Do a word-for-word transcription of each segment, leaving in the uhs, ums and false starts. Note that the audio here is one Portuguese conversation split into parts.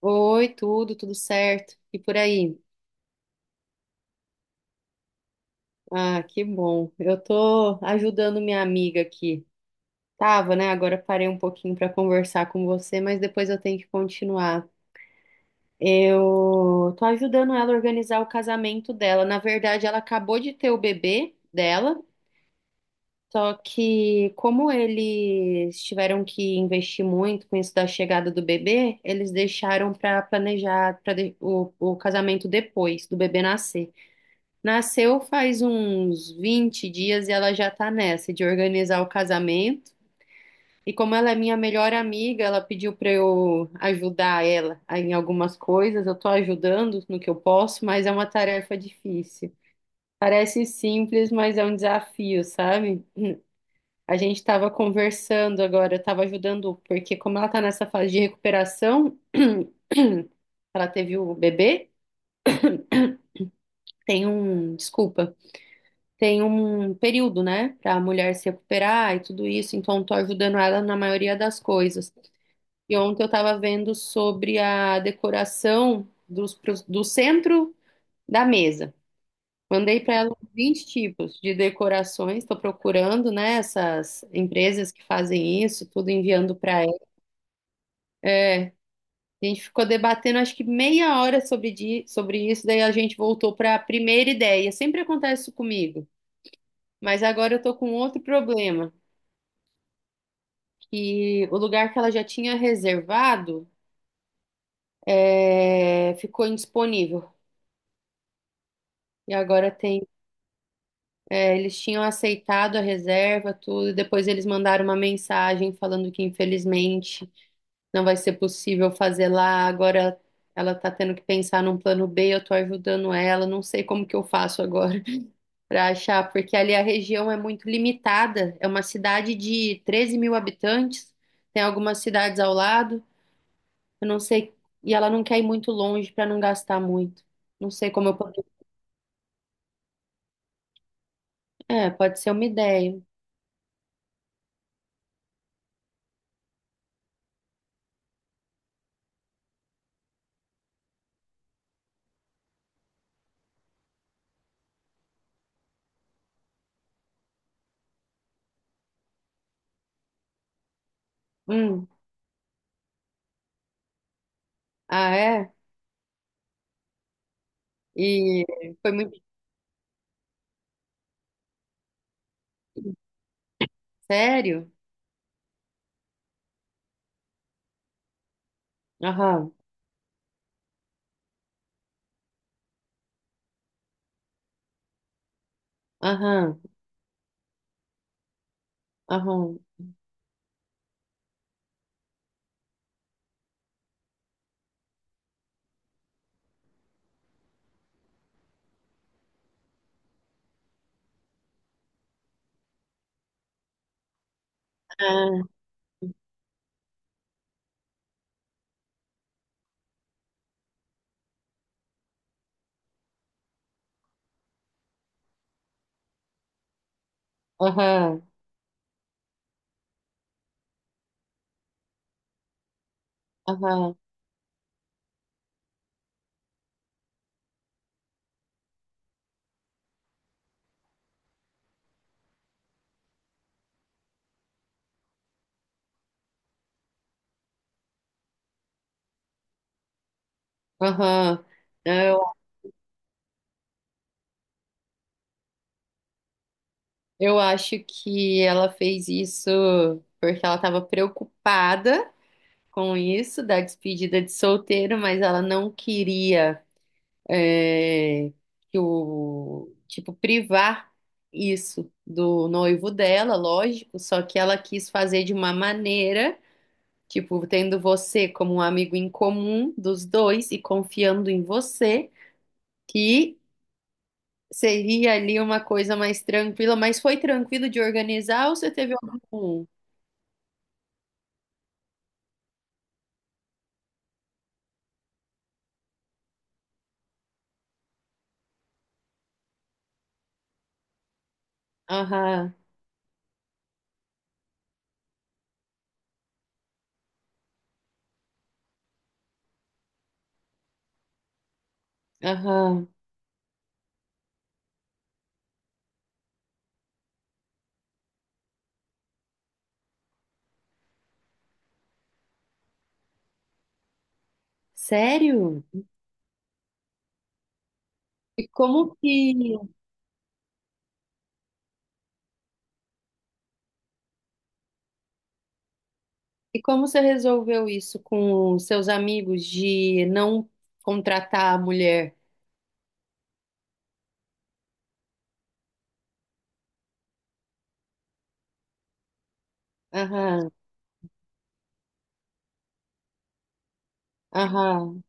Oi, tudo, tudo certo. E por aí? Ah, que bom. Eu tô ajudando minha amiga aqui. Tava, né? Agora parei um pouquinho para conversar com você, mas depois eu tenho que continuar. Eu tô ajudando ela a organizar o casamento dela. Na verdade, ela acabou de ter o bebê dela, só que como eles tiveram que investir muito com isso da chegada do bebê, eles deixaram para planejar para o, o casamento depois do bebê nascer. Nasceu faz uns vinte dias e ela já tá nessa de organizar o casamento. E como ela é minha melhor amiga, ela pediu pra eu ajudar ela em algumas coisas. Eu tô ajudando no que eu posso, mas é uma tarefa difícil. Parece simples, mas é um desafio, sabe? A gente tava conversando agora, eu tava ajudando, porque como ela tá nessa fase de recuperação, ela teve o bebê, tem um, desculpa. Tem um período, né, para a mulher se recuperar e tudo isso, então tô ajudando ela na maioria das coisas. E ontem eu estava vendo sobre a decoração dos, pros- do centro da mesa. Mandei para ela uns vinte tipos de decorações, estou procurando, né, essas empresas que fazem isso, tudo enviando para ela. A gente ficou debatendo acho que meia hora sobre, di- sobre isso, daí a gente voltou para a primeira ideia. Sempre acontece isso comigo, mas agora eu tô com outro problema. Que o lugar que ela já tinha reservado, é, ficou indisponível. E agora tem, é, eles tinham aceitado a reserva, tudo, e depois eles mandaram uma mensagem falando que infelizmente não vai ser possível fazer lá. Agora ela tá tendo que pensar num plano B, eu tô ajudando ela, não sei como que eu faço agora para achar, porque ali a região é muito limitada, é uma cidade de treze mil habitantes, tem algumas cidades ao lado. Eu não sei. E ela não quer ir muito longe para não gastar muito. Não sei como eu poderia. É, pode ser uma ideia. Hum. Ah, é? E foi muito. Sério? Aham, aham, aham. Ah, aham, aham, aham. Eu, eu acho que ela fez isso porque ela estava preocupada com isso, da despedida de solteiro, mas ela não queria. É, que o tipo privar isso do noivo dela, lógico, só que ela quis fazer de uma maneira, tipo, tendo você como um amigo em comum dos dois e confiando em você, que seria ali uma coisa mais tranquila, mas foi tranquilo de organizar ou você teve algum? Aham, aham. Sério? E como que E como você resolveu isso com seus amigos de não contratar a mulher? Aham, aham,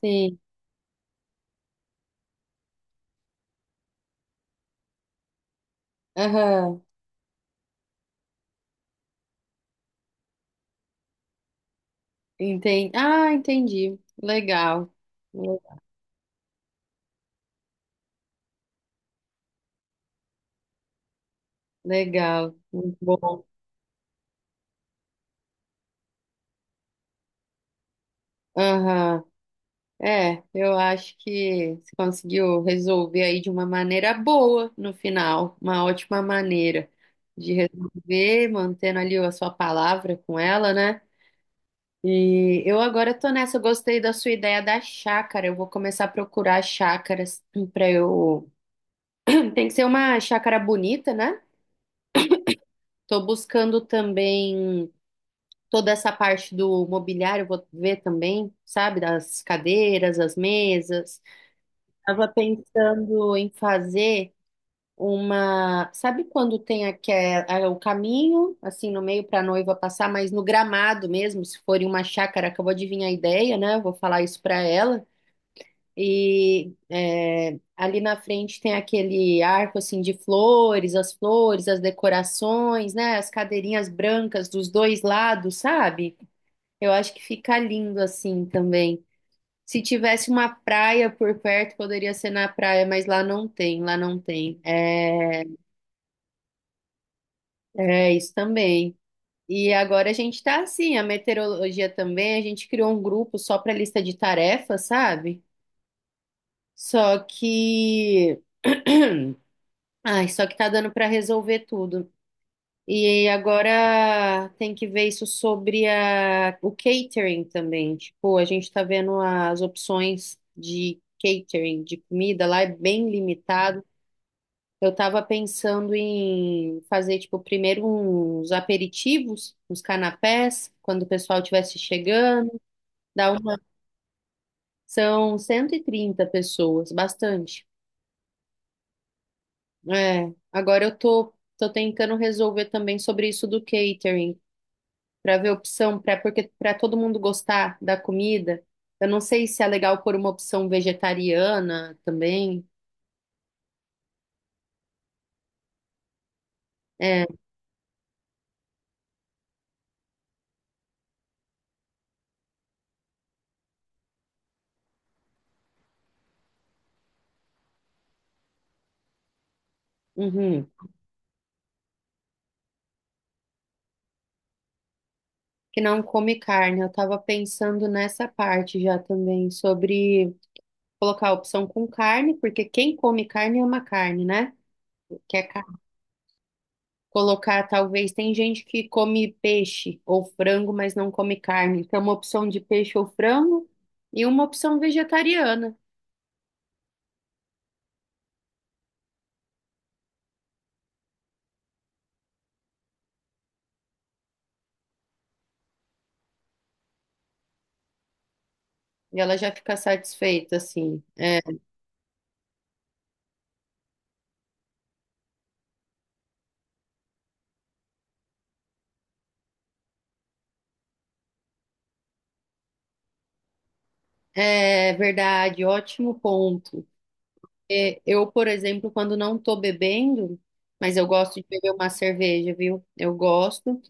sim, aham, entendi. Ah, entendi. Legal, legal, muito bom. Aham, é, eu acho que você conseguiu resolver aí de uma maneira boa no final, uma ótima maneira de resolver, mantendo ali a sua palavra com ela, né? E eu agora tô nessa, eu gostei da sua ideia da chácara. Eu vou começar a procurar chácaras para eu. Tem que ser uma chácara bonita, né? Tô buscando também toda essa parte do mobiliário, vou ver também, sabe, das cadeiras, as mesas. Tava pensando em fazer uma, sabe quando tem aque- a- o caminho assim no meio para a noiva passar, mas no gramado mesmo, se for em uma chácara, acabou de vir a ideia, né? Eu vou falar isso para ela. E é, ali na frente tem aquele arco assim de flores, as flores, as decorações, né? As cadeirinhas brancas dos dois lados, sabe? Eu acho que fica lindo assim também. Se tivesse uma praia por perto, poderia ser na praia, mas lá não tem, lá não tem. É, é isso também. E agora a gente tá assim, a meteorologia também, a gente criou um grupo só para lista de tarefas, sabe? Só que ai, só que tá dando para resolver tudo. E agora tem que ver isso sobre a, o catering também. Tipo, a gente tá vendo as opções de catering, de comida lá, é bem limitado. Eu tava pensando em fazer, tipo, primeiro uns aperitivos, uns canapés, quando o pessoal estivesse chegando. Dá uma... São cento e trinta pessoas, bastante. É, agora eu tô, tô tentando resolver também sobre isso do catering, para ver opção, para, porque para todo mundo gostar da comida. Eu não sei se é legal pôr uma opção vegetariana também, é, uhum, que não come carne. Eu estava pensando nessa parte já também sobre colocar a opção com carne, porque quem come carne ama carne, né? Quer carne. Colocar, talvez, tem gente que come peixe ou frango, mas não come carne. Então, uma opção de peixe ou frango e uma opção vegetariana. E ela já fica satisfeita, assim. É, é verdade, ótimo ponto. É, eu, por exemplo, quando não tô bebendo, mas eu gosto de beber uma cerveja, viu? Eu gosto,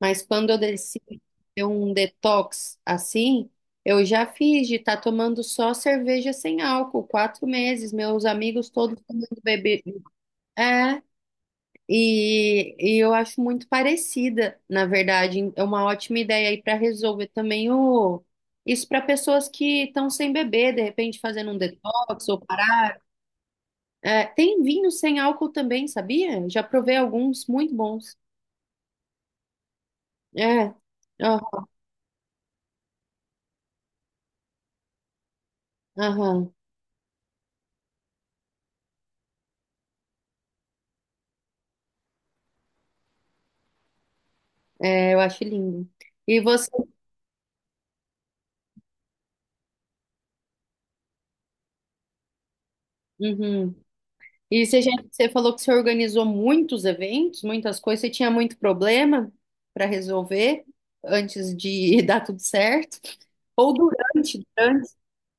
mas quando eu decido ter um detox assim, eu já fiz de estar tomando só cerveja sem álcool, quatro meses, meus amigos todos tomando bebê. É, e, e eu acho muito parecida, na verdade. É uma ótima ideia aí para resolver também o isso para pessoas que estão sem beber, de repente fazendo um detox ou parar. É, tem vinho sem álcool também, sabia? Já provei alguns muito bons. É, ó, aham, é, eu acho lindo. E você? Uhum. E você, já- você falou que você organizou muitos eventos, muitas coisas, você tinha muito problema para resolver antes de dar tudo certo? Ou durante, durante?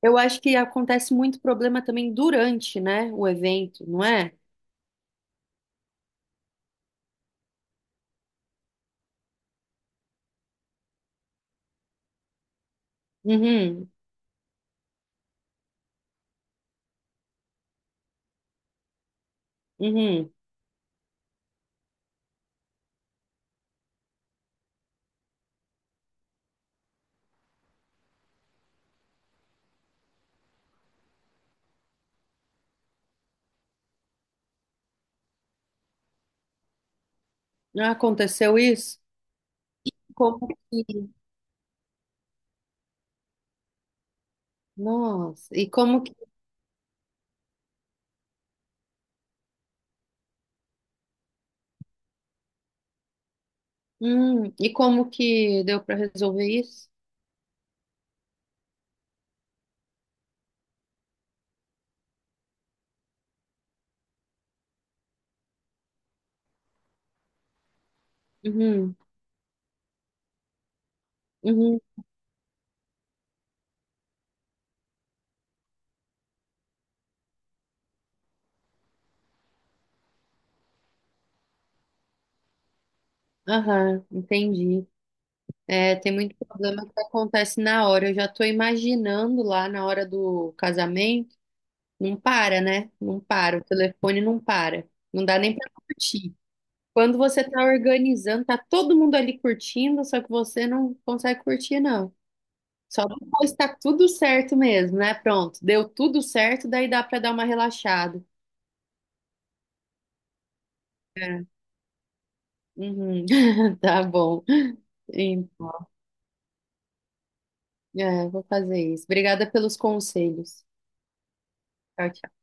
Eu acho que acontece muito problema também durante, né, o evento, não é? Uhum, uhum. Não aconteceu isso? Como que, nossa, e como que, hum, e como que deu para resolver isso? Uhum, uhum, aham, entendi. É, tem muito problema que acontece na hora. Eu já estou imaginando lá na hora do casamento. Não para, né? Não para. O telefone não para. Não dá nem para curtir. Quando você está organizando, tá todo mundo ali curtindo, só que você não consegue curtir, não. Só depois tá tudo certo mesmo, né? Pronto, deu tudo certo, daí dá para dar uma relaxada. Uhum. Tá bom. Então, é, vou fazer isso. Obrigada pelos conselhos. Tchau, tchau.